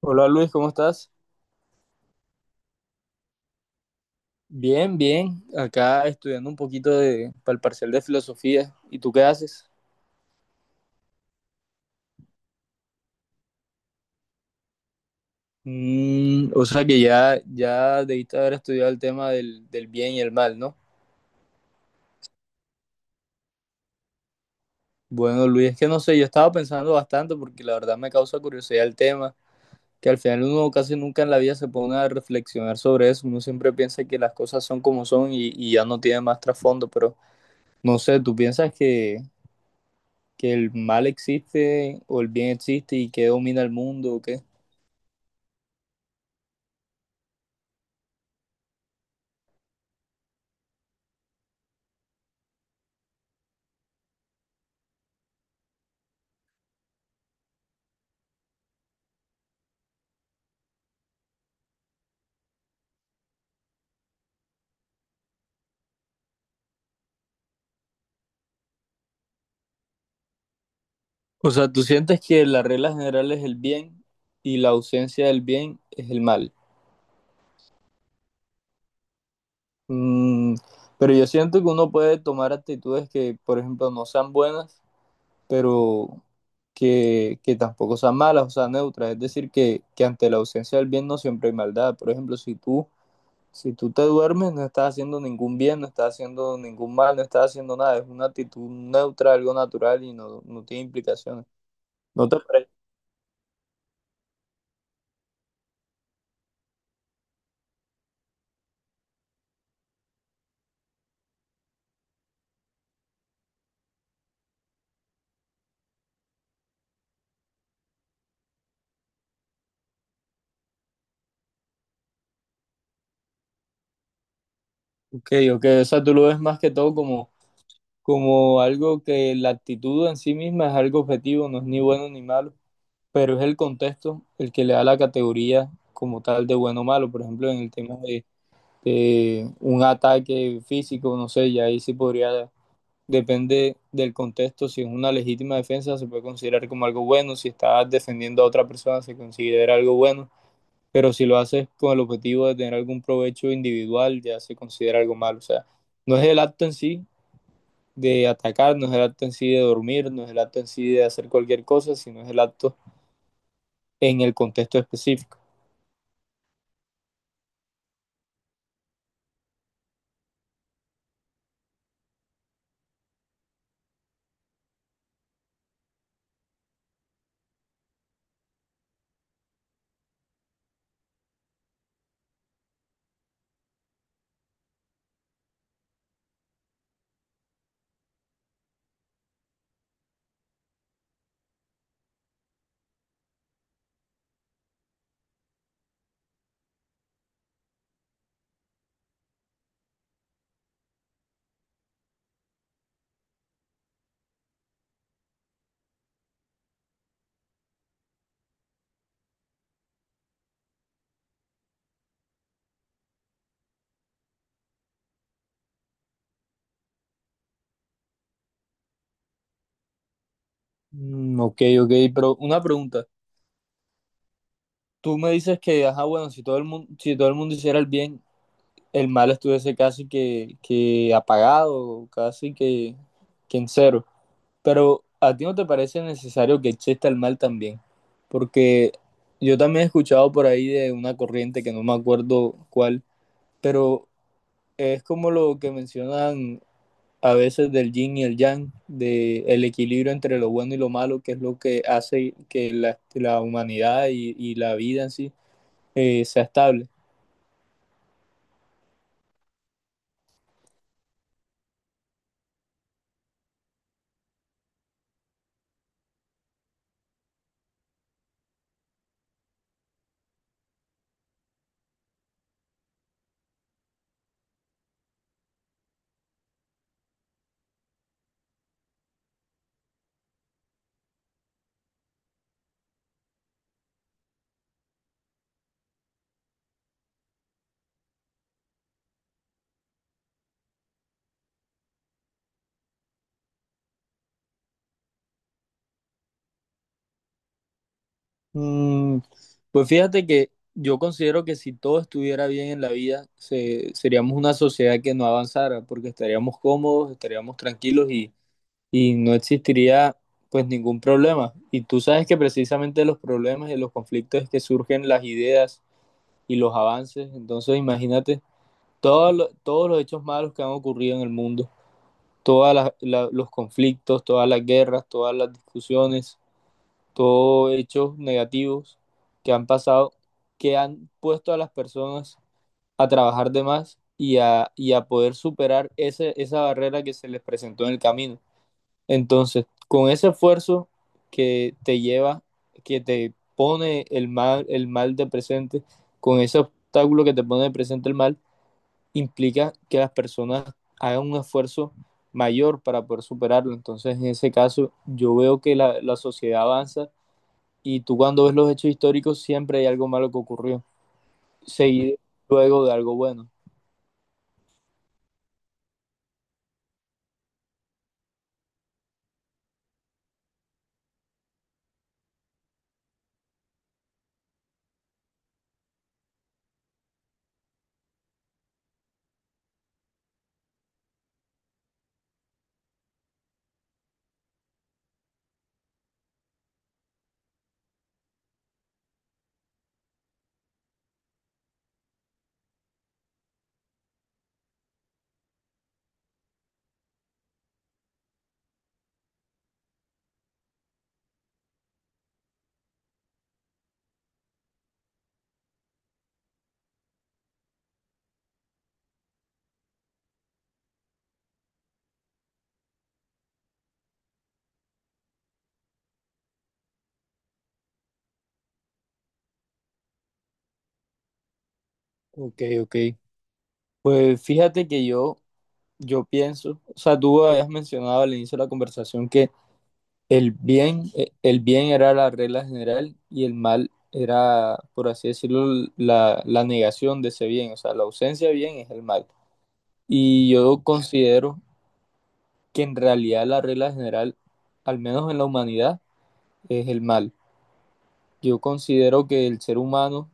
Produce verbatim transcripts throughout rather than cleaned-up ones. Hola Luis, ¿cómo estás? Bien, bien. Acá estudiando un poquito de, para el parcial de filosofía. ¿Y tú qué haces? Mm, o sea que ya, ya debiste haber estudiado el tema del, del bien y el mal, ¿no? Bueno, Luis, es que no sé, yo estaba pensando bastante porque la verdad me causa curiosidad el tema, que al final uno casi nunca en la vida se pone a reflexionar sobre eso. Uno siempre piensa que las cosas son como son y, y ya no tiene más trasfondo, pero no sé, ¿tú piensas que, que el mal existe o el bien existe y que domina el mundo o qué? O sea, tú sientes que la regla general es el bien y la ausencia del bien es el mal. Mm, pero yo siento que uno puede tomar actitudes que, por ejemplo, no sean buenas, pero que, que tampoco sean malas, o sea, neutras. Es decir, que, que ante la ausencia del bien no siempre hay maldad. Por ejemplo, si tú, si tú te duermes, no estás haciendo ningún bien, no estás haciendo ningún mal, no estás haciendo nada. Es una actitud neutra, algo natural y no, no tiene implicaciones. ¿No te parece? Ok, ok, o sea, tú lo ves más que todo como como algo que la actitud en sí misma es algo objetivo, no es ni bueno ni malo, pero es el contexto el que le da la categoría como tal de bueno o malo. Por ejemplo, en el tema de, de un ataque físico, no sé, ya ahí sí podría, depende del contexto, si es una legítima defensa se puede considerar como algo bueno, si estás defendiendo a otra persona se considera algo bueno. Pero si lo haces con el objetivo de tener algún provecho individual, ya se considera algo malo. O sea, no es el acto en sí, de atacarnos es el acto en sí de dormir, no es el acto en sí de hacer cualquier cosa, sino es el acto en el contexto específico. Mm, ok, ok, pero una pregunta. Tú me dices que, ajá, bueno, si todo el mundo, si todo el mundo hiciera el bien, el mal estuviese casi que, que apagado, casi que, que en cero. Pero a ti no te parece necesario que exista el mal también, porque yo también he escuchado por ahí de una corriente que no me acuerdo cuál, pero es como lo que mencionan a veces del yin y el yang, de el equilibrio entre lo bueno y lo malo, que es lo que hace que la, la humanidad y, y, la vida en sí eh, sea estable. Mm, pues fíjate que yo considero que si todo estuviera bien en la vida, se, seríamos una sociedad que no avanzara, porque estaríamos cómodos, estaríamos tranquilos y, y no existiría pues ningún problema. Y tú sabes que precisamente los problemas y los conflictos es que surgen las ideas y los avances. Entonces imagínate todos los, todos los hechos malos que han ocurrido en el mundo, todos los conflictos, todas las guerras, todas las discusiones, todos hechos negativos que han pasado, que han puesto a las personas a trabajar de más y a, y a poder superar ese, esa barrera que se les presentó en el camino. Entonces, con ese esfuerzo que te lleva, que te pone el mal, el mal de presente, con ese obstáculo que te pone de presente el mal, implica que las personas hagan un esfuerzo mayor para poder superarlo. Entonces, en ese caso, yo veo que la, la sociedad avanza y tú cuando ves los hechos históricos siempre hay algo malo que ocurrió, seguido luego de algo bueno. Ok, ok. Pues fíjate que yo, yo pienso, o sea, tú habías mencionado al inicio de la conversación que el bien, eh, el bien era la regla general y el mal era, por así decirlo, la, la negación de ese bien, o sea, la ausencia de bien es el mal. Y yo considero que en realidad la regla general, al menos en la humanidad, es el mal. Yo considero que el ser humano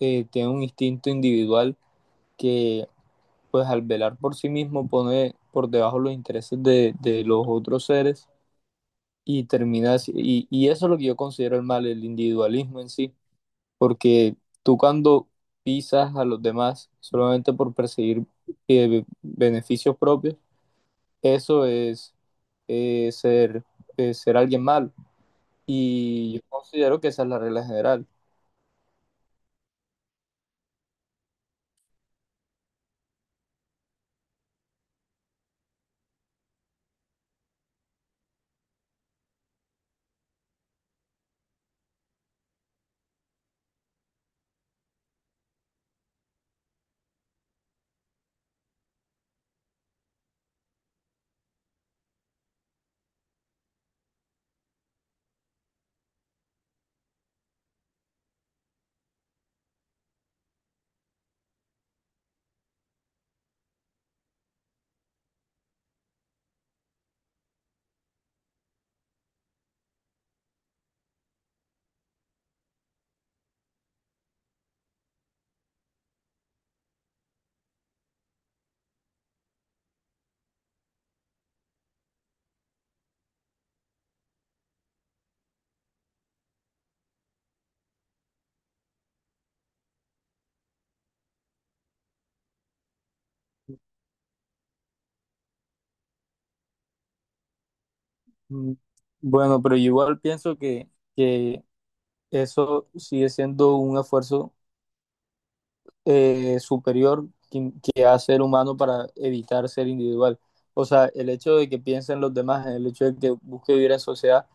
eh, tiene un instinto individual que, pues al velar por sí mismo, pone por debajo los intereses de, de los otros seres y termina así- Y, y eso es lo que yo considero el mal, el individualismo en sí, porque tú cuando pisas a los demás solamente por perseguir eh, beneficios propios, eso es eh, ser, eh, ser alguien malo. Y yo considero que esa es la regla general. Mm, bueno, pero yo igual pienso que, que eso sigue siendo un esfuerzo eh, superior que, que hace el humano para evitar ser individual. O sea, el hecho de que piensen los demás, el hecho de que busque vivir en sociedad.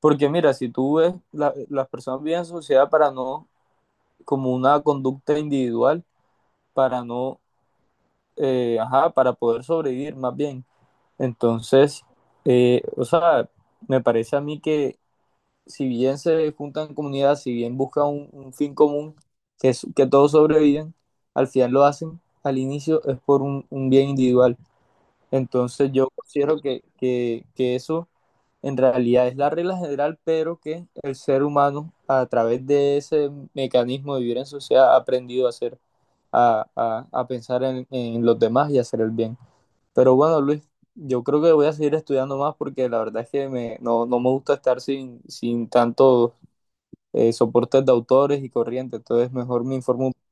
Porque mira, si tú ves, la- las personas viven en sociedad para no, como una conducta individual, para no eh, ajá, para poder sobrevivir más bien. Entonces, eh, o sea, me parece a mí que si bien se juntan comunidades, si bien buscan un, un fin común, que, es- que todos sobreviven, al final lo hacen, al inicio es por un, un bien individual. Entonces yo considero que, que, que eso en realidad es la regla general, pero que el ser humano a través de ese mecanismo de vivir en sociedad ha aprendido a hacer, a, a- a pensar en en los demás y hacer el bien. Pero bueno, Luis, yo creo que voy a seguir estudiando más porque la verdad es que me, no, no me gusta estar sin, sin tantos eh, soportes de autores y corrientes. Entonces, mejor me informo un